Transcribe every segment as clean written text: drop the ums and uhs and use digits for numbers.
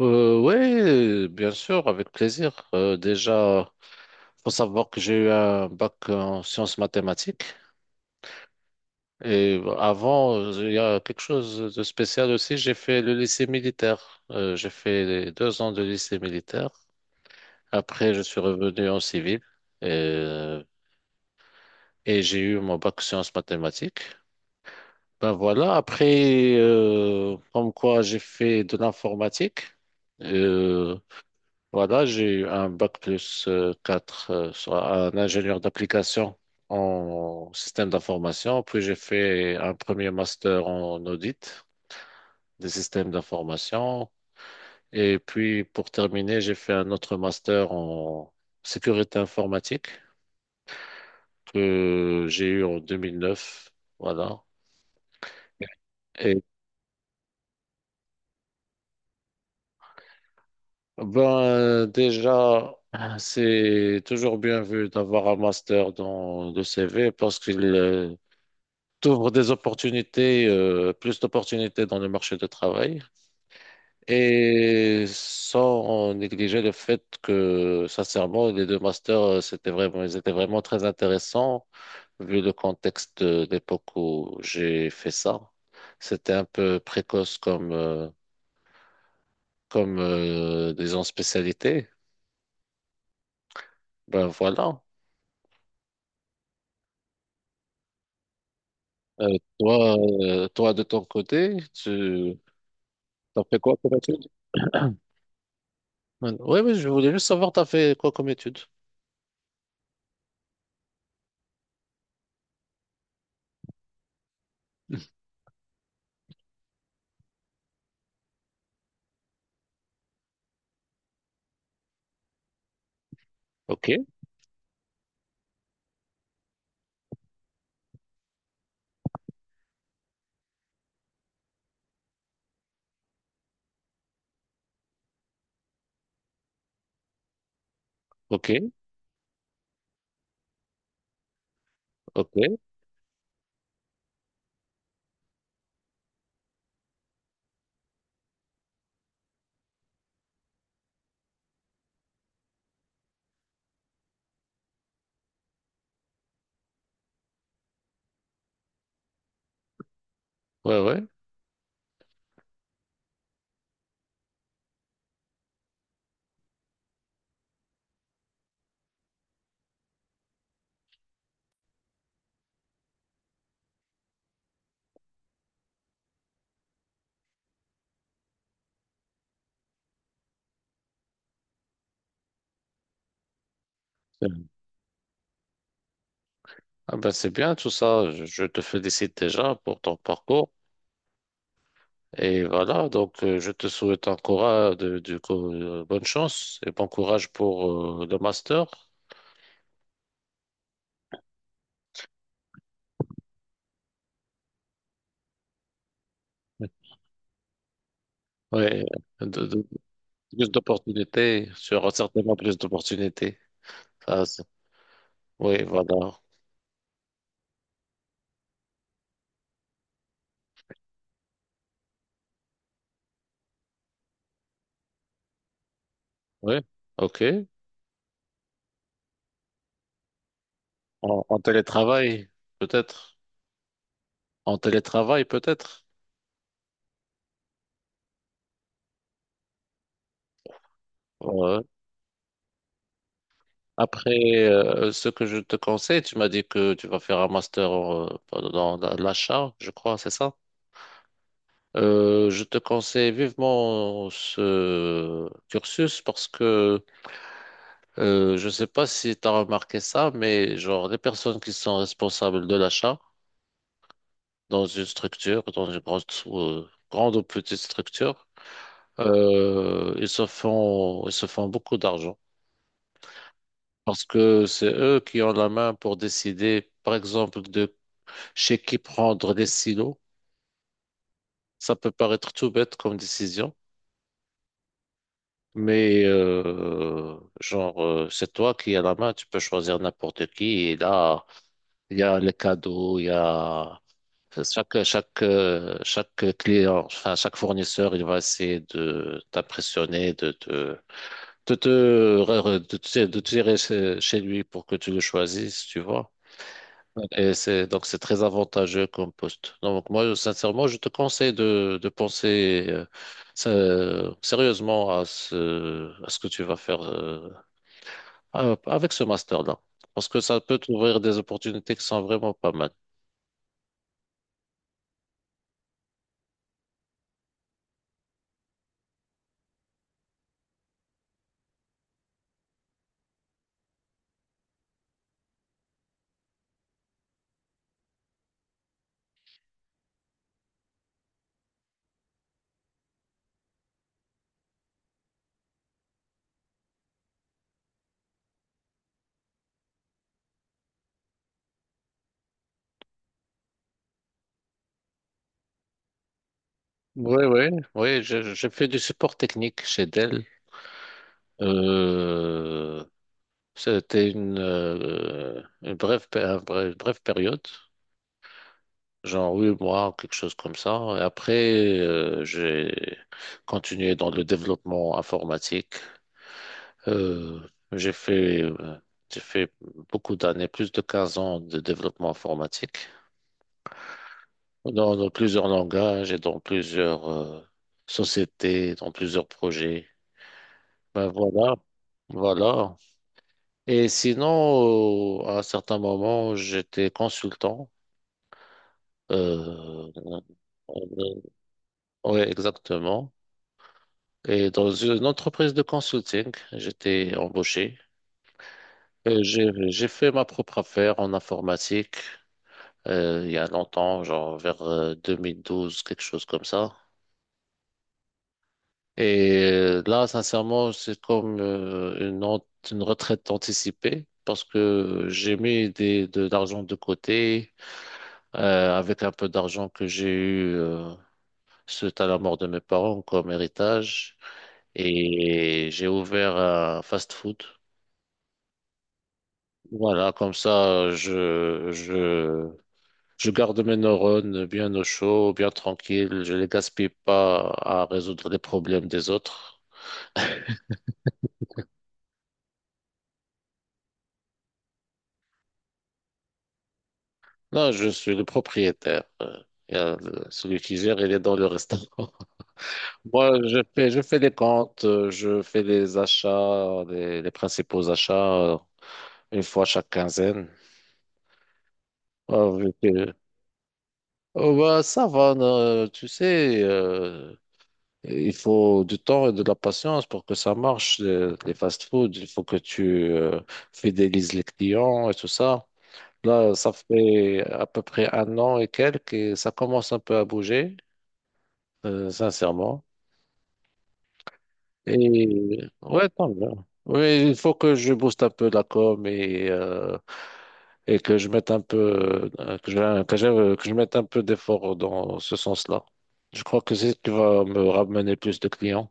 Ouais, bien sûr, avec plaisir. Déjà, faut savoir que j'ai eu un bac en sciences mathématiques. Et avant, il y a quelque chose de spécial aussi. J'ai fait le lycée militaire. J'ai fait les deux ans de lycée militaire. Après, je suis revenu en civil et, et j'ai eu mon bac sciences mathématiques. Ben voilà. Après, comme quoi, j'ai fait de l'informatique. Euh, Voilà, j'ai eu un bac plus 4, soit un ingénieur d'application en système d'information. Puis j'ai fait un premier master en audit des systèmes d'information. Et puis pour terminer, j'ai fait un autre master en sécurité informatique que j'ai eu en 2009. Voilà. Et ben déjà, c'est toujours bien vu d'avoir un master dans le CV parce qu'il t'ouvre des opportunités, plus d'opportunités dans le marché de travail, et sans négliger le fait que, sincèrement, les deux masters, c'était vraiment, ils étaient vraiment très intéressants vu le contexte de l'époque où j'ai fait ça. C'était un peu précoce comme, disons, spécialité. Ben voilà. Euh, Toi, de ton côté, tu as fait quoi comme étude? Oui, oui, je voulais juste savoir, tu as fait quoi comme étude? Ok, ok. Ok, ouais, ouais. C'est- Ah ben c'est bien tout ça. Je te félicite déjà pour ton parcours. Et voilà, donc je te souhaite encore du coup, bonne chance et bon courage pour le master. Ouais, de- de- plus d'opportunités, tu auras certainement plus d'opportunités. Ça, c'est- oui, voilà. Oui, ok. En, en télétravail, peut-être. En télétravail, peut-être. Ouais. Après, ce que je te conseille, tu m'as dit que tu vas faire un master dans l'achat, je crois, c'est ça? Je te conseille vivement ce cursus parce que je ne sais pas si tu as remarqué ça, mais genre les personnes qui sont responsables de l'achat dans une structure, dans une grande, grande ou petite structure, ils se font beaucoup d'argent parce que c'est eux qui ont la main pour décider, par exemple, de chez qui prendre des silos. Ça peut paraître tout bête comme décision, mais c'est toi qui as la main, tu peux choisir n'importe qui. Et là, il y a les cadeaux, il y a chaque client, enfin, chaque fournisseur, il va essayer de t'impressionner, de te, re- re- de te tirer chez lui pour que tu le choisisses, tu vois. Et c'est donc c'est très avantageux comme poste. Donc moi, sincèrement, je te conseille de penser sérieusement à à ce que tu vas faire avec ce master-là. Parce que ça peut t'ouvrir des opportunités qui sont vraiment pas mal. Oui, oui. Oui, j'ai fait du support technique chez Dell. Euh, C'était une brève, brève période. Genre, oui, moi, quelque chose comme ça. Et après, j'ai continué dans le développement informatique. Euh, j'ai fait, euh, j'ai fait beaucoup d'années, plus de 15 ans de développement informatique dans, dans plusieurs langages et dans plusieurs sociétés, dans plusieurs projets. Ben voilà, voilà. Et sinon, à un certain moment, j'étais consultant. Euh, oui, exactement. Et dans une entreprise de consulting, j'étais embauché. J'ai fait ma propre affaire en informatique il y a longtemps, genre vers 2012, quelque chose comme ça. Et là, sincèrement, c'est comme une retraite anticipée parce que j'ai mis de l'argent de côté, euh, avec un peu d'argent que j'ai eu suite à la mort de mes parents comme héritage. Et j'ai ouvert un fast-food. Voilà, comme ça, je garde mes neurones bien au chaud, bien tranquille. Je les gaspille pas à résoudre les problèmes des autres. Là, je suis le propriétaire. Il y a le- Celui qui gère, il est dans le restaurant. Moi, je fais les comptes, je fais les achats, les principaux achats, une fois chaque quinzaine. Ah, vu que- Oh, bah, ça va, non, tu sais, il faut du temps et de la patience pour que ça marche, les fast-food. Il faut que tu euh, fidélises les clients et tout ça. Là, ça fait à peu près un an et quelques et ça commence un peu à bouger, sincèrement. Et ouais, tant mieux. Oui, il faut que je booste un peu la com et, et que je mette un peu, que je mette un peu d'effort dans ce sens-là. Je crois que c'est ce qui va me ramener plus de clients.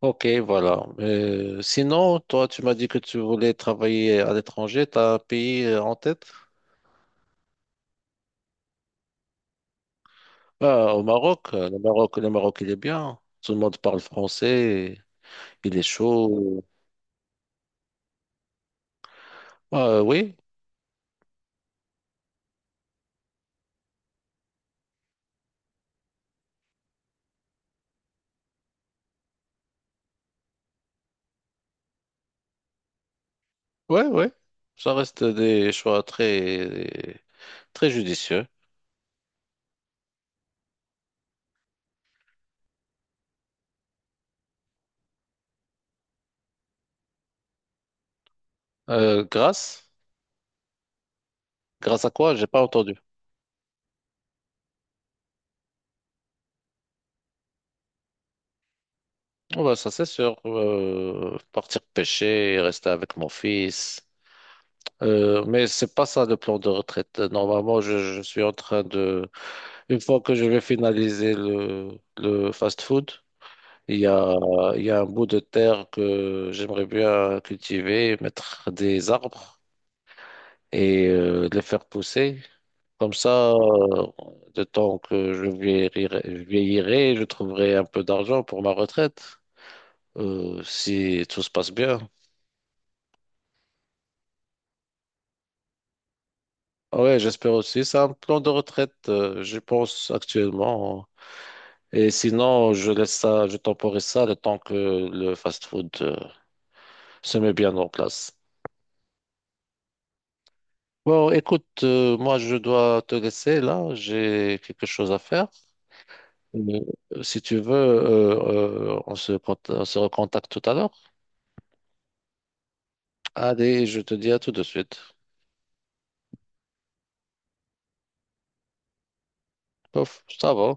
Ok, voilà. Sinon, toi, tu m'as dit que tu voulais travailler à l'étranger. T'as un pays en tête? Bah, au Maroc. Le Maroc, le Maroc, il est bien. Tout le monde parle français. Il est chaud. Ah, oui, ouais, ouais. Ça reste des choix très, très judicieux. Grâce? Grâce à quoi? J'ai pas entendu. Oh, bah, ça, c'est sûr. Partir pêcher, rester avec mon fils. Mais c'est pas ça le plan de retraite. Normalement, je suis en train de... Une fois que je vais finaliser le fast-food, il y a, il y a un bout de terre que j'aimerais bien cultiver, mettre des arbres et les faire pousser. Comme ça, le temps que je vieillirai, je vieillirai, je trouverai un peu d'argent pour ma retraite, si tout se passe bien. Ah ouais, j'espère aussi. C'est un plan de retraite, je pense, actuellement. Et sinon, je laisse ça, je temporise ça le temps que le fast-food se met bien en place. Bon, écoute, moi je dois te laisser là, j'ai quelque chose à faire. Mais, si tu veux, on se recontacte tout à l'heure. Allez, je te dis à tout de suite. Pof, ça va.